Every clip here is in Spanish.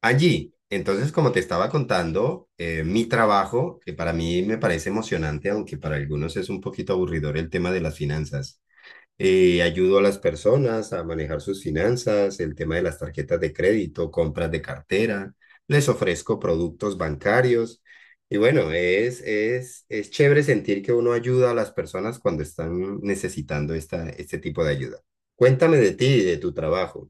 Allí, entonces, como te estaba contando, mi trabajo, que para mí me parece emocionante, aunque para algunos es un poquito aburridor el tema de las finanzas. Ayudo a las personas a manejar sus finanzas, el tema de las tarjetas de crédito, compras de cartera, les ofrezco productos bancarios. Y bueno, es chévere sentir que uno ayuda a las personas cuando están necesitando este tipo de ayuda. Cuéntame de ti y de tu trabajo.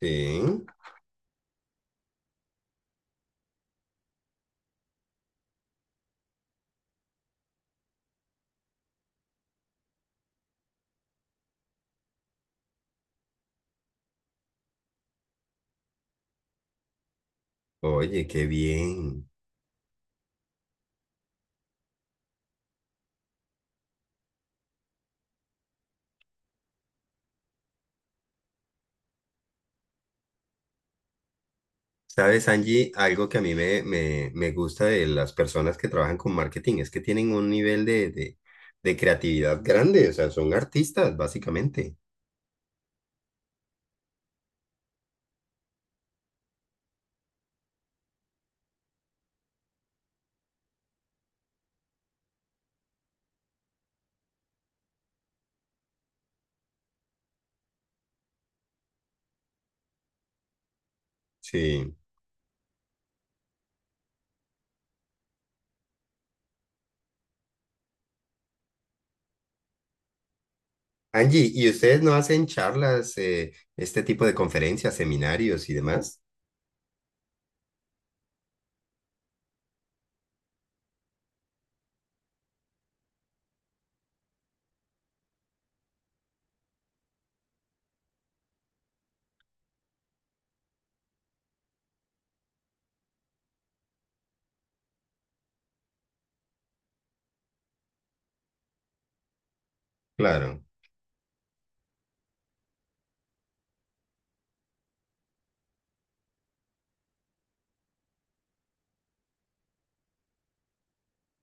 Sí. Oye, qué bien. Sabes, Angie, algo que a mí me gusta de las personas que trabajan con marketing es que tienen un nivel de creatividad grande, o sea, son artistas, básicamente. Sí. Angie, ¿y ustedes no hacen charlas, este tipo de conferencias, seminarios y demás? Claro.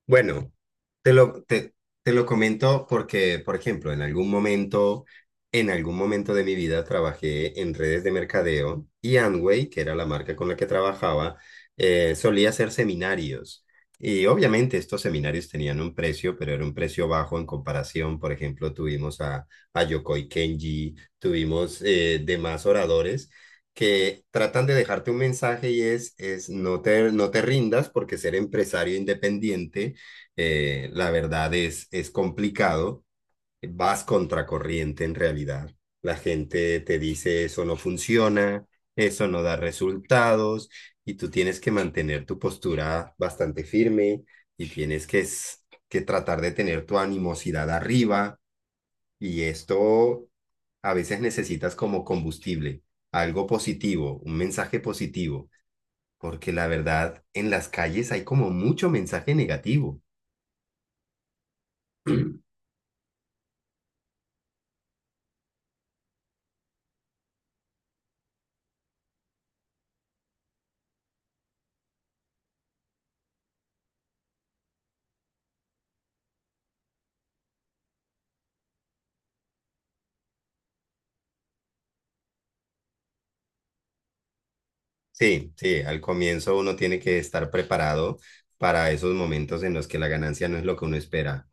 Bueno, te lo, te, te lo comento porque, por ejemplo, en algún momento de mi vida trabajé en redes de mercadeo y Amway, que era la marca con la que trabajaba, solía hacer seminarios. Y obviamente estos seminarios tenían un precio, pero era un precio bajo en comparación. Por ejemplo, tuvimos a Yokoi Kenji, tuvimos demás oradores que tratan de dejarte un mensaje y es no te rindas porque ser empresario independiente la verdad es complicado, vas contracorriente en realidad. La gente te dice eso no funciona, eso no da resultados y tú tienes que mantener tu postura bastante firme y tienes que tratar de tener tu animosidad arriba y esto a veces necesitas como combustible, algo positivo, un mensaje positivo, porque la verdad en las calles hay como mucho mensaje negativo. Sí, sí, al comienzo uno tiene que estar preparado para esos momentos en los que la ganancia no es lo que uno espera.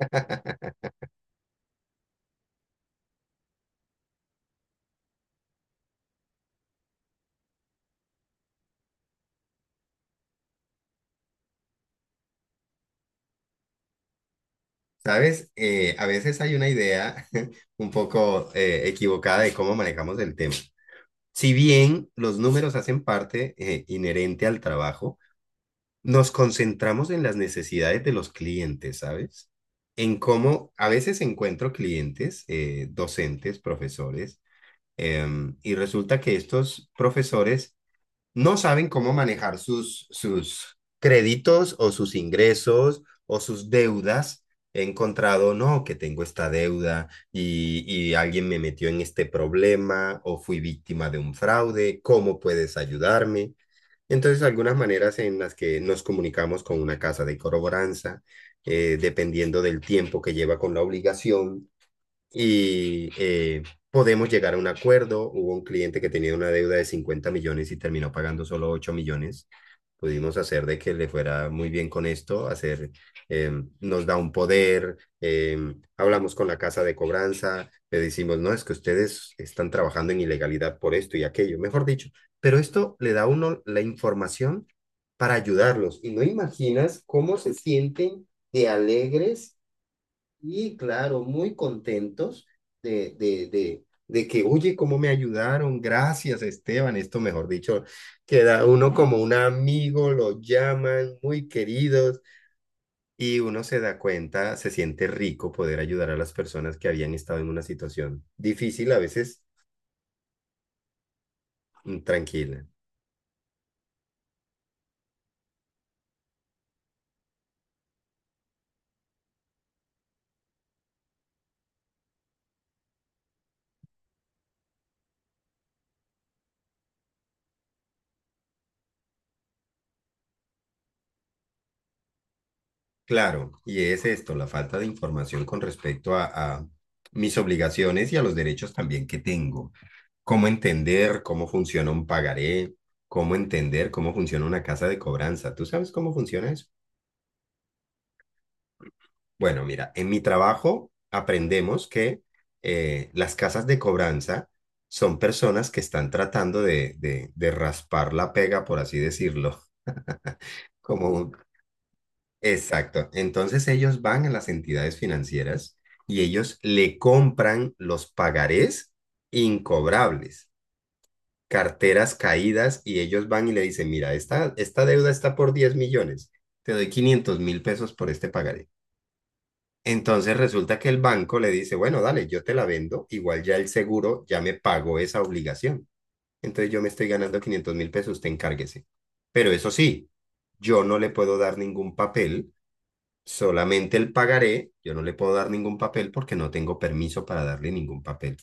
¿Sabes? A veces hay una idea un poco equivocada de cómo manejamos el tema. Si bien los números hacen parte inherente al trabajo, nos concentramos en las necesidades de los clientes, ¿sabes? En cómo a veces encuentro clientes, docentes, profesores, y resulta que estos profesores no saben cómo manejar sus créditos o sus ingresos o sus deudas. He encontrado, no, que tengo esta deuda y alguien me metió en este problema o fui víctima de un fraude, ¿cómo puedes ayudarme? Entonces, algunas maneras en las que nos comunicamos con una casa de corroboranza, dependiendo del tiempo que lleva con la obligación, y podemos llegar a un acuerdo. Hubo un cliente que tenía una deuda de 50 millones y terminó pagando solo 8 millones. Pudimos hacer de que le fuera muy bien con esto, hacer, eh, nos da un poder, hablamos con la casa de cobranza, le decimos, no, es que ustedes están trabajando en ilegalidad por esto y aquello, mejor dicho, pero esto le da a uno la información para ayudarlos. Y no imaginas cómo se sienten de alegres y claro, muy contentos de que, oye, cómo me ayudaron, gracias Esteban, esto mejor dicho, queda uno como un amigo, lo llaman, muy queridos, y uno se da cuenta, se siente rico poder ayudar a las personas que habían estado en una situación difícil, a veces. Mm, tranquila. Claro, y es esto, la falta de información con respecto a mis obligaciones y a los derechos también que tengo. Cómo entender cómo funciona un pagaré, cómo entender cómo funciona una casa de cobranza. ¿Tú sabes cómo funciona eso? Bueno, mira, en mi trabajo aprendemos que las casas de cobranza son personas que están tratando de raspar la pega, por así decirlo. Como un- Exacto. Entonces ellos van a las entidades financieras y ellos le compran los pagarés incobrables. Carteras caídas y ellos van y le dicen, mira, esta deuda está por 10 millones, te doy 500.000 pesos por este pagaré. Entonces resulta que el banco le dice, bueno, dale, yo te la vendo, igual ya el seguro ya me pagó esa obligación. Entonces yo me estoy ganando 500.000 pesos, usted encárguese. Pero eso sí, yo no le puedo dar ningún papel, solamente el pagaré, yo no le puedo dar ningún papel porque no tengo permiso para darle ningún papel.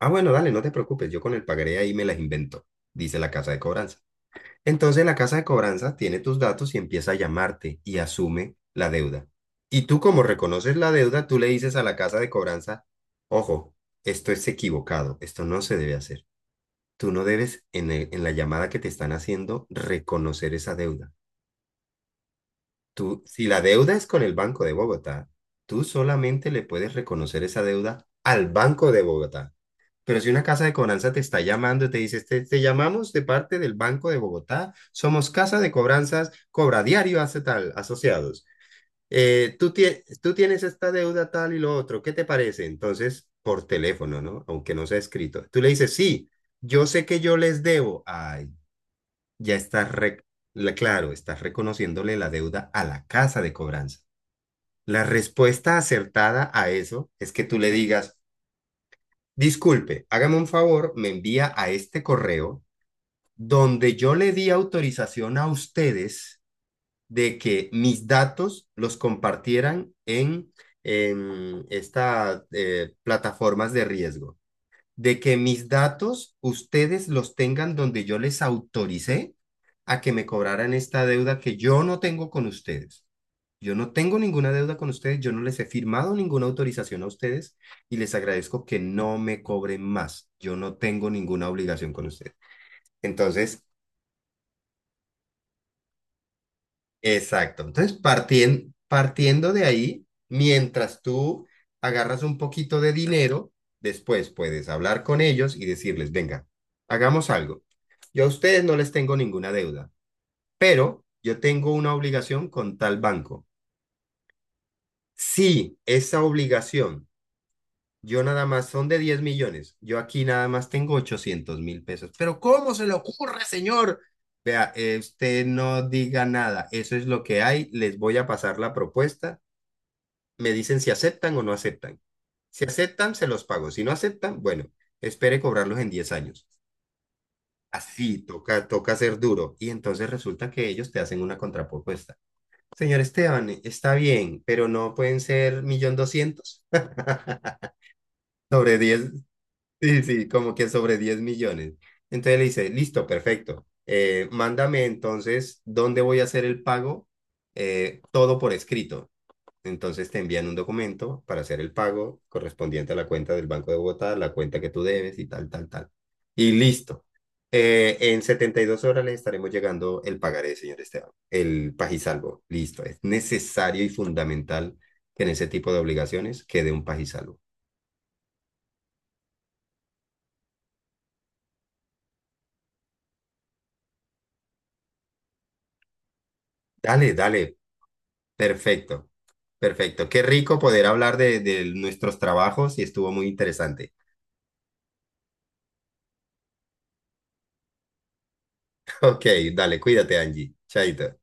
Ah, bueno, dale, no te preocupes, yo con el pagaré ahí me las invento, dice la casa de cobranza. Entonces la casa de cobranza tiene tus datos y empieza a llamarte y asume la deuda. Y tú como reconoces la deuda, tú le dices a la casa de cobranza, ojo, esto es equivocado, esto no se debe hacer. Tú no debes en el- en la llamada que te están haciendo reconocer esa deuda. Tú, si la deuda es con el Banco de Bogotá, tú solamente le puedes reconocer esa deuda al Banco de Bogotá. Pero si una casa de cobranza te está llamando y te dice, te llamamos de parte del Banco de Bogotá, somos casa de cobranzas, cobra diario hace tal, asociados. Tú tienes esta deuda tal y lo otro, ¿qué te parece? Entonces, por teléfono, ¿no? Aunque no sea escrito. Tú le dices, sí, yo sé que yo les debo. Ay, ya estás, re- la- claro, estás reconociéndole la deuda a la casa de cobranza. La respuesta acertada a eso es que tú le digas, disculpe, hágame un favor, me envía a este correo donde yo le di autorización a ustedes de que mis datos los compartieran en estas plataformas de riesgo de que mis datos ustedes los tengan donde yo les autoricé a que me cobraran esta deuda que yo no tengo con ustedes. Yo no tengo ninguna deuda con ustedes, yo no les he firmado ninguna autorización a ustedes y les agradezco que no me cobren más. Yo no tengo ninguna obligación con ustedes. Entonces, exacto. Entonces, partiendo de ahí, mientras tú agarras un poquito de dinero, después puedes hablar con ellos y decirles, venga, hagamos algo. Yo a ustedes no les tengo ninguna deuda, pero yo tengo una obligación con tal banco. Si esa obligación, yo nada más son de 10 millones, yo aquí nada más tengo 800.000 pesos. Pero ¿cómo se le ocurre, señor? Vea, usted no diga nada, eso es lo que hay, les voy a pasar la propuesta me dicen si aceptan o no aceptan. Si aceptan, se los pago. Si no aceptan, bueno, espere cobrarlos en 10 años. Así, toca, toca ser duro. Y entonces resulta que ellos te hacen una contrapropuesta. Señor Esteban, está bien, pero no pueden ser millón doscientos. Sobre 10 sí, sí, como que sobre 10 millones. Entonces le dice, listo, perfecto. Mándame entonces dónde voy a hacer el pago, todo por escrito. Entonces te envían un documento para hacer el pago correspondiente a la cuenta del Banco de Bogotá, la cuenta que tú debes y tal, tal, tal. Y listo. En 72 horas les estaremos llegando el pagaré, señor Esteban, el pagisalvo. Listo. Es necesario y fundamental que en ese tipo de obligaciones quede un pagisalvo. Dale, dale. Perfecto. Perfecto. Qué rico poder hablar de nuestros trabajos y estuvo muy interesante. Ok, dale, cuídate, Angie. Chaito.